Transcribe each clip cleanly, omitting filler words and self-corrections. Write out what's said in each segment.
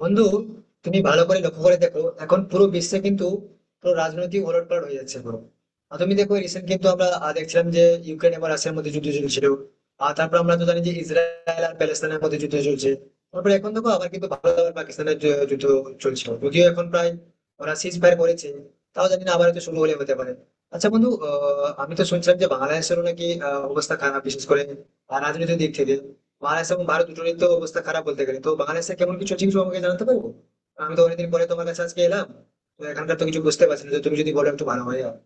বন্ধু, তুমি ভালো করে লক্ষ্য করে দেখো এখন পুরো বিশ্বে কিন্তু পুরো রাজনৈতিক ওলটপালট হয়ে যাচ্ছে পুরো। আর তুমি দেখো রিসেন্ট কিন্তু আমরা দেখছিলাম যে ইউক্রেন এবং রাশিয়ার মধ্যে যুদ্ধ চলছিল। আর তারপর আমরা তো জানি যে ইসরায়েল আর প্যালেস্তানের মধ্যে যুদ্ধ চলছে। তারপরে এখন দেখো আবার কিন্তু ভারত আর পাকিস্তানের যুদ্ধ চলছে, যদিও এখন প্রায় ওরা সিজ ফায়ার করেছে। তাও জানি না, আবার হয়তো শুরু হলে হতে পারে। আচ্ছা বন্ধু, আমি তো শুনছিলাম যে বাংলাদেশেরও নাকি অবস্থা খারাপ, বিশেষ করে রাজনৈতিক দিক থেকে। বাংলাদেশ এবং ভারত দুটোরই তো অবস্থা খারাপ বলতে গেলে, তো বাংলাদেশে কেমন কিছু চিকিৎসা আমাকে জানাতে পারবো। আমি তো অনেকদিন পরে তোমার কাছে আজকে এলাম, তো এখানকার তো কিছু বুঝতে পারছি না, তো তুমি যদি বলো একটু ভালো হয় আর কি।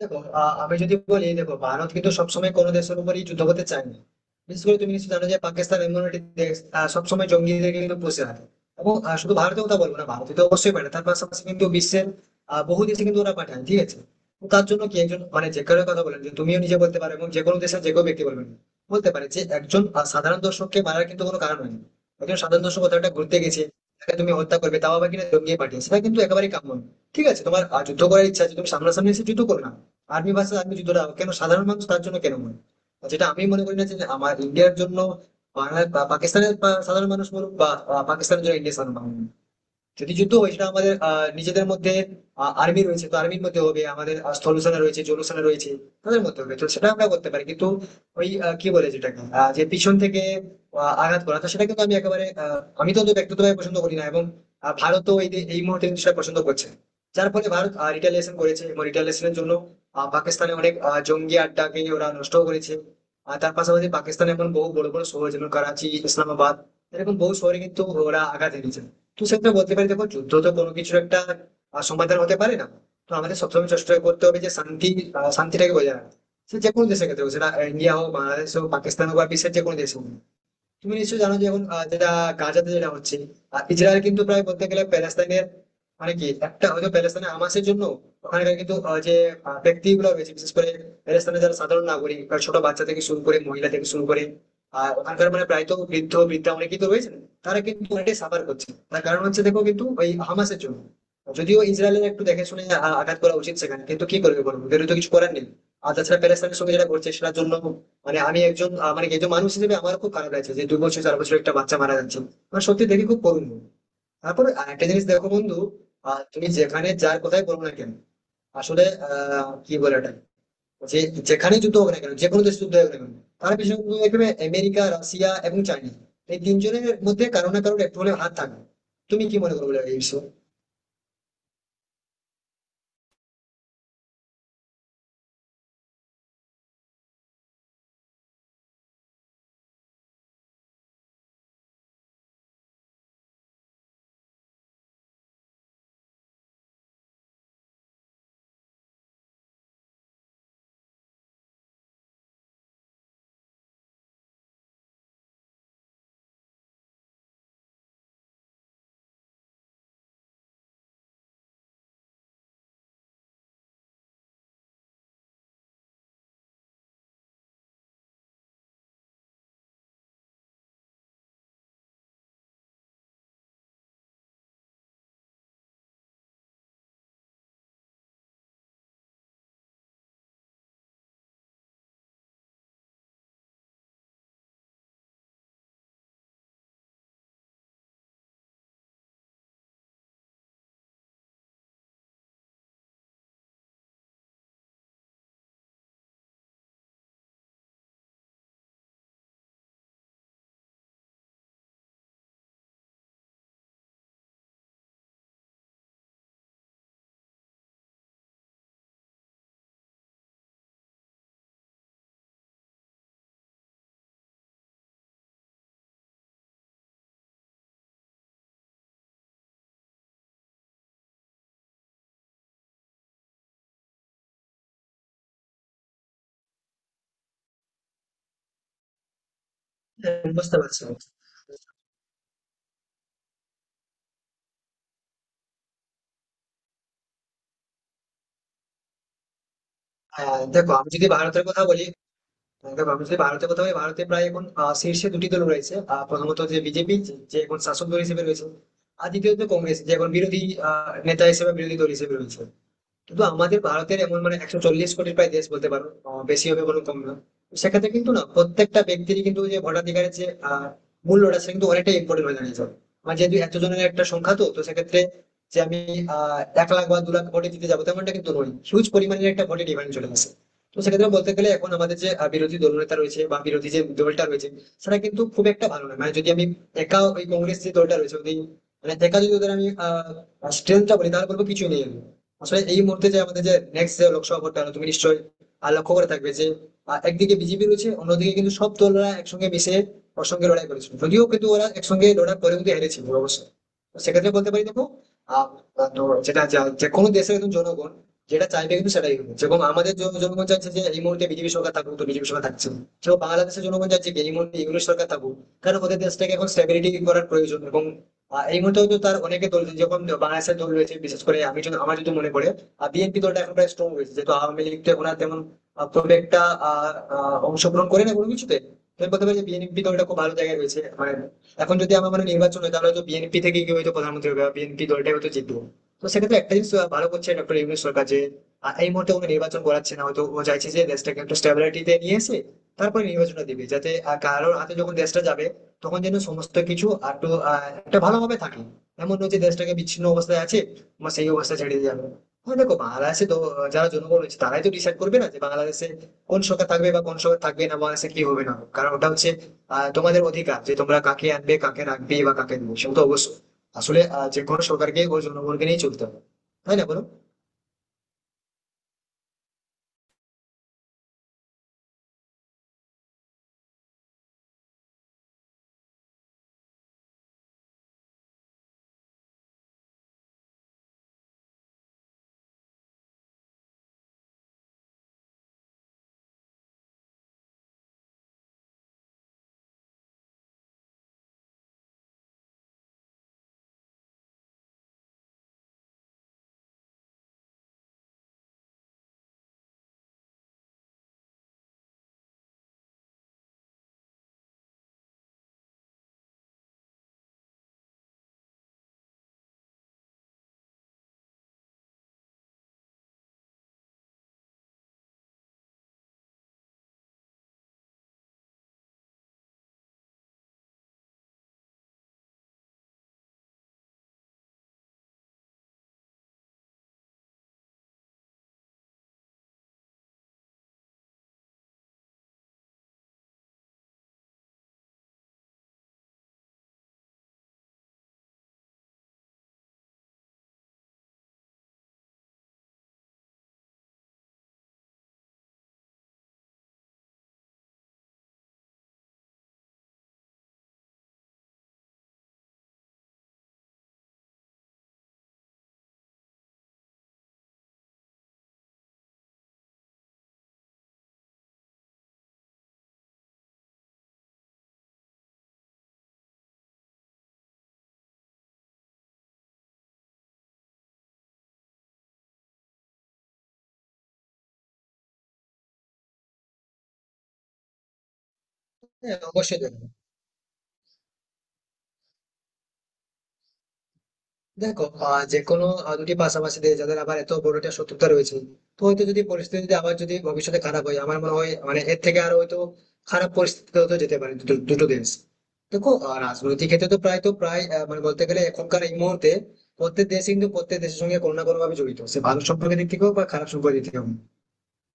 দেখো, আমি যদি বলি, দেখো ভারত কিন্তু সবসময় কোনো দেশের উপরই যুদ্ধ করতে চায় না। বিশেষ করে তুমি নিশ্চয়ই জানো যে পাকিস্তান এমন একটি দেশ, সবসময় জঙ্গিদের কিন্তু পুষে রাখে। এবং শুধু ভারতের কথা বলবো না, ভারতে তো অবশ্যই পাঠায়, তার পাশাপাশি কিন্তু বিশ্বের বহু দেশে কিন্তু ওরা পাঠায়, ঠিক আছে। তো তার জন্য কি একজন মানে, যে কারো কথা বলেন, যে তুমিও নিজে বলতে পারো এবং যে কোনো দেশের যে কেউ ব্যক্তি বলবেন, বলতে পারে যে একজন সাধারণ দর্শককে মারার কিন্তু কোনো কারণ হয়নি। একজন সাধারণ দর্শক কোথাও একটা ঘুরতে গেছে, তাকে তুমি হত্যা করবে, তাও আবার কিনা জঙ্গি পাঠিয়ে, সেটা কিন্তু একেবারেই কাম্য নয়। ঠিক আছে, তোমার যুদ্ধ করার ইচ্ছা আছে, তুমি সামনাসামনি এসে যুদ্ধ করো না। আর্মি ভার্সেস আর্মি যুদ্ধটা, কেন সাধারণ মানুষ, তার জন্য কেন মনে। আর যেটা আমি মনে করি না যে আমার ইন্ডিয়ার জন্য বাংলার বা পাকিস্তানের সাধারণ মানুষ বলুক, বা বা পাকিস্তানের জন্য ইন্ডিয়ার সাধারণ মানুষ, যদি যুদ্ধ হয় সেটা আমাদের নিজেদের মধ্যে আর্মি রয়েছে, তো আর্মির মধ্যে হবে, আমাদের স্থল সেনা রয়েছে, জল সেনা রয়েছে, তাদের মধ্যে হবে, তো সেটা আমরা করতে পারি। কিন্তু ওই কি বলে যেটাকে, যে পিছন থেকে আঘাত করা, তো সেটা কিন্তু আমি একেবারে, আমি তো অন্তত ব্যক্তিগতভাবে পছন্দ করি না, এবং ভারতও এই মুহূর্তে কিন্তু সেটা পছন্দ করছে না। যার ফলে ভারত রিটালিয়েশন করেছে, এবং রিটালিয়েশনের জন্য পাকিস্তানে অনেক জঙ্গি আড্ডাকে ওরা নষ্ট করেছে। আর তার পাশাপাশি পাকিস্তানে এখন বহু বড় বড় শহর, যেমন করাচি, ইসলামাবাদ, এরকম বহু শহরে কিন্তু ওরা আঘাত এনেছে। তো সেক্ষেত্রে বলতে পারি, দেখো যুদ্ধ তো কোনো কিছুর একটা সমাধান হতে পারে না। তো আমাদের সবসময় চেষ্টা করতে হবে যে শান্তিটাকে বজায় রাখা। সে যে কোনো দেশের ক্ষেত্রে হোক, সেটা ইন্ডিয়া হোক, বাংলাদেশ হোক, পাকিস্তান হোক, বা বিশ্বের যে কোনো দেশ হোক। তুমি নিশ্চয়ই জানো যে এখন যেটা গাজাতে যেটা হচ্ছে, আর ইসরায়েল কিন্তু প্রায় বলতে গেলে প্যালেস্তাইনের, মানে কি একটা হয়তো প্যালেস্তাইনে হামাসের জন্য ওখানকার কিন্তু ব্যক্তিগুলো রয়েছে, বিশেষ করে প্যালেস্তাইনের যারা সাধারণ নাগরিক, বা ছোট বাচ্চা থেকে শুরু করে মহিলা থেকে শুরু করে, আর ওখানকার মানে প্রায় তো বৃদ্ধ বৃদ্ধা অনেকেই তো রয়েছেন, তারা কিন্তু অনেকটাই সাফার করছে। তার কারণ হচ্ছে দেখো, কিন্তু ওই হামাসের জন্য, যদিও ইসরায়েলের একটু দেখে শুনে আঘাত করা উচিত সেখানে, কিন্তু কি করবে বলবো, ওদেরও তো কিছু করার নেই। আর তাছাড়া প্যালেস্তাইনের সঙ্গে যেটা করছে সেটার জন্য, মানে আমি একজন, মানে একজন মানুষ হিসেবে আমার খুব খারাপ লাগছে যে 2 বছর 4 বছর একটা বাচ্চা মারা যাচ্ছে। মানে সত্যি দেখে খুব করুণ। তারপর একটা জিনিস দেখো বন্ধু, তুমি যেখানে যার কথাই বলো না কেন, আসলে আহ, কি বলে এটা, যে যেখানে যুদ্ধ হোক না কেন, যে কোনো দেশে যুদ্ধ হোক না কেন, তার পিছনে তুমি দেখবে আমেরিকা, রাশিয়া এবং চাইনা, এই তিনজনের মধ্যে কারো না কারোর একটু হলেও হাত থাকবে। তুমি কি মনে করো বলো এই বিষয়ে? হ্যাঁ, বুঝতে পারছো। হ্যাঁ, দেখো আমি যদি ভারতের কথা বলি, তবে বাংলাদেশে ভারতের কথা হয়, ভারতে প্রায় এখন শীর্ষে দুটি দল রয়েছে। প্রথমত যে বিজেপি, যে এখন শাসক দল হিসেবে রয়েছে, আর দ্বিতীয়ত কংগ্রেস, যে এখন বিরোধী নেতা হিসেবে, বিরোধী দল হিসেবে রয়েছে। কিন্তু আমাদের ভারতের এমন মানে, 140 কোটির প্রায় দেশ বলতে পারো, বেশি হবে কোনো কম না। তো সেক্ষেত্রে কিন্তু না, প্রত্যেকটা ব্যক্তিরই কিন্তু যে ভোটাধিকারের যে মূল্যটা, সেটা কিন্তু অনেকটাই ইম্পর্টেন্ট হয়ে দাঁড়িয়েছে। আমার যেহেতু এত জনের একটা সংখ্যা, তো তো সেক্ষেত্রে যে আমি 1 লাখ বা 2 লাখ ভোটে দিতে যাবো তেমনটা কিন্তু নয়, হিউজ পরিমাণের একটা ভোটে ডিমান্ড চলে আসে। তো সেক্ষেত্রে বলতে গেলে এখন আমাদের যে বিরোধী দলনেতা রয়েছে, বা বিরোধী যে দলটা রয়েছে, সেটা কিন্তু খুব একটা ভালো নয়। মানে যদি আমি একা ওই কংগ্রেস যে দলটা রয়েছে ওদের, মানে একা যদি ওদের আমি স্ট্রেংথটা বলি, তাহলে বলবো কিছুই নেই আমি। আসলে এই মুহূর্তে যে আমাদের যে নেক্সট যে লোকসভা ভোটটা হলো, তুমি নিশ্চয়ই লক্ষ্য করে থাকবে যে একদিকে বিজেপি রয়েছে, অন্যদিকে কিন্তু সব দলরা একসঙ্গে মিশে ওর সঙ্গে লড়াই করেছিল, যদিও কিন্তু ওরা একসঙ্গে লড়াই করে কিন্তু হেরেছিল অবশ্যই। তো সেক্ষেত্রে বলতে পারি, দেখো, আহ, আহ, তো যেটা যা- যে কোনো দেশের একজন জনগণ যেটা চাইবে কিন্তু সেটাই হবে, যেমন আমাদের জনগণ চাইছে যে এই মুহূর্তে বিজেপি সরকার থাকুক, তো বিজেপি সরকার থাকছে। সেরকম বাংলাদেশের জনগণ চাইছে কি এই মুহূর্তে ইংলিশ সরকার থাকুক, কারণ ওদের দেশটাকে এখন স্টেবিলিটি করার প্রয়োজন, এবং এই মুহূর্তে তো তার অনেকে দল যখন বাংলাদেশের দল রয়েছে, বিশেষ করে আমি যদি, আমার যদি মনে পড়ে, বিএনপি দলটা এখন প্রায় স্ট্রং রয়েছে, যেহেতু আওয়ামী লীগ তো এখন আর তেমন আহ, খুব একটা আহ, আহ, অংশগ্রহণ করে না কোনো কিছুতে। তো আমি বলতে পারি যে বিএনপি দলটা খুব ভালো জায়গায় রয়েছে, মানে এখন যদি আমার মানে নির্বাচন হয় তাহলে হয়তো বিএনপি থেকে কেউ হয়তো প্রধানমন্ত্রী হবে, বা বিএনপি দলটাই হয়তো জিতবো। তো সেক্ষেত্রে একটা জিনিস ভালো করছে ডক্টর ইউনূস সরকার যে এই মুহূর্তে কোনো নির্বাচন করাচ্ছে না, হয়তো ও চাইছে যে দেশটাকে একটু স্টেবিলিটিতে নিয়ে এসে তারপরে নির্বাচনটা দিবে, যাতে কারোর হাতে যখন দেশটা যাবে তখন যেন সমস্ত কিছু আর একটু একটা ভালোভাবে থাকে। এমন নয় যে দেশটাকে বিচ্ছিন্ন অবস্থায় আছে বা সেই অবস্থা ছেড়ে দিয়ে যাবে। হ্যাঁ, দেখো বাংলাদেশে তো যারা জনগণ রয়েছে তারাই তো ডিসাইড করবে না যে বাংলাদেশে কোন সরকার থাকবে বা কোন সরকার থাকবে না, বাংলাদেশে কি হবে না হবে। কারণ ওটা হচ্ছে তোমাদের অধিকার, যে তোমরা কাকে আনবে, কাকে রাখবে বা কাকে নেবে, সেটা তো অবশ্যই। আসলে যে কোনো সরকারকে ওই জনগণকে নিয়ে চলতে হবে, তাই না বলো? হ্যাঁ অবশ্যই। দেখো, যে কোনো দুটি পাশাপাশি দিয়ে যাদের আবার এত বড় একটা শত্রুতা রয়েছে, তো হয়তো যদি পরিস্থিতি আবার যদি ভবিষ্যতে খারাপ হয়, আমার মনে হয় মানে এর থেকে আরো হয়তো খারাপ পরিস্থিতি হতে যেতে পারে দুটো দুটো দেশ। দেখো, রাজনৈতিক ক্ষেত্রে তো প্রায় মানে বলতে গেলে এখনকার এই মুহূর্তে প্রত্যেক দেশ কিন্তু প্রত্যেক দেশের সঙ্গে কোনো না কোনো ভাবে জড়িত, সে ভালো সম্পর্কের দিক থেকেও বা খারাপ সম্পর্কের দিক থেকেও।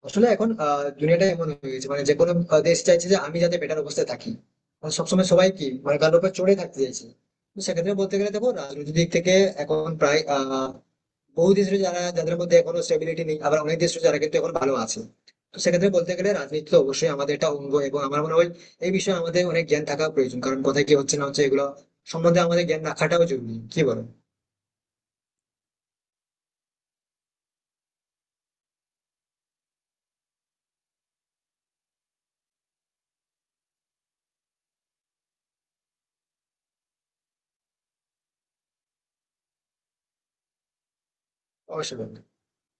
আসলে এখন দুনিয়াটা এমন হয়ে গেছে, মানে যে কোনো দেশ চাইছে যে আমি যাতে বেটার অবস্থায় থাকি, মানে সবসময় সবাই কি মানে কারোর উপর চড়ে থাকতে চাইছে। তো সেক্ষেত্রে বলতে গেলে, দেখো রাজনৈতিক দিক থেকে এখন প্রায় বহু দেশ রয়েছে যারা, যাদের মধ্যে এখনো স্টেবিলিটি নেই, আবার অনেক দেশ রয়েছে যারা কিন্তু এখন ভালো আছে। তো সেক্ষেত্রে বলতে গেলে রাজনীতি তো অবশ্যই আমাদের একটা অঙ্গ, এবং আমার মনে হয় এই বিষয়ে আমাদের অনেক জ্ঞান থাকা প্রয়োজন, কারণ কোথায় কি হচ্ছে না হচ্ছে এগুলো সম্বন্ধে আমাদের জ্ঞান রাখাটাও জরুরি, কি বলো? অবশ্যই বলো।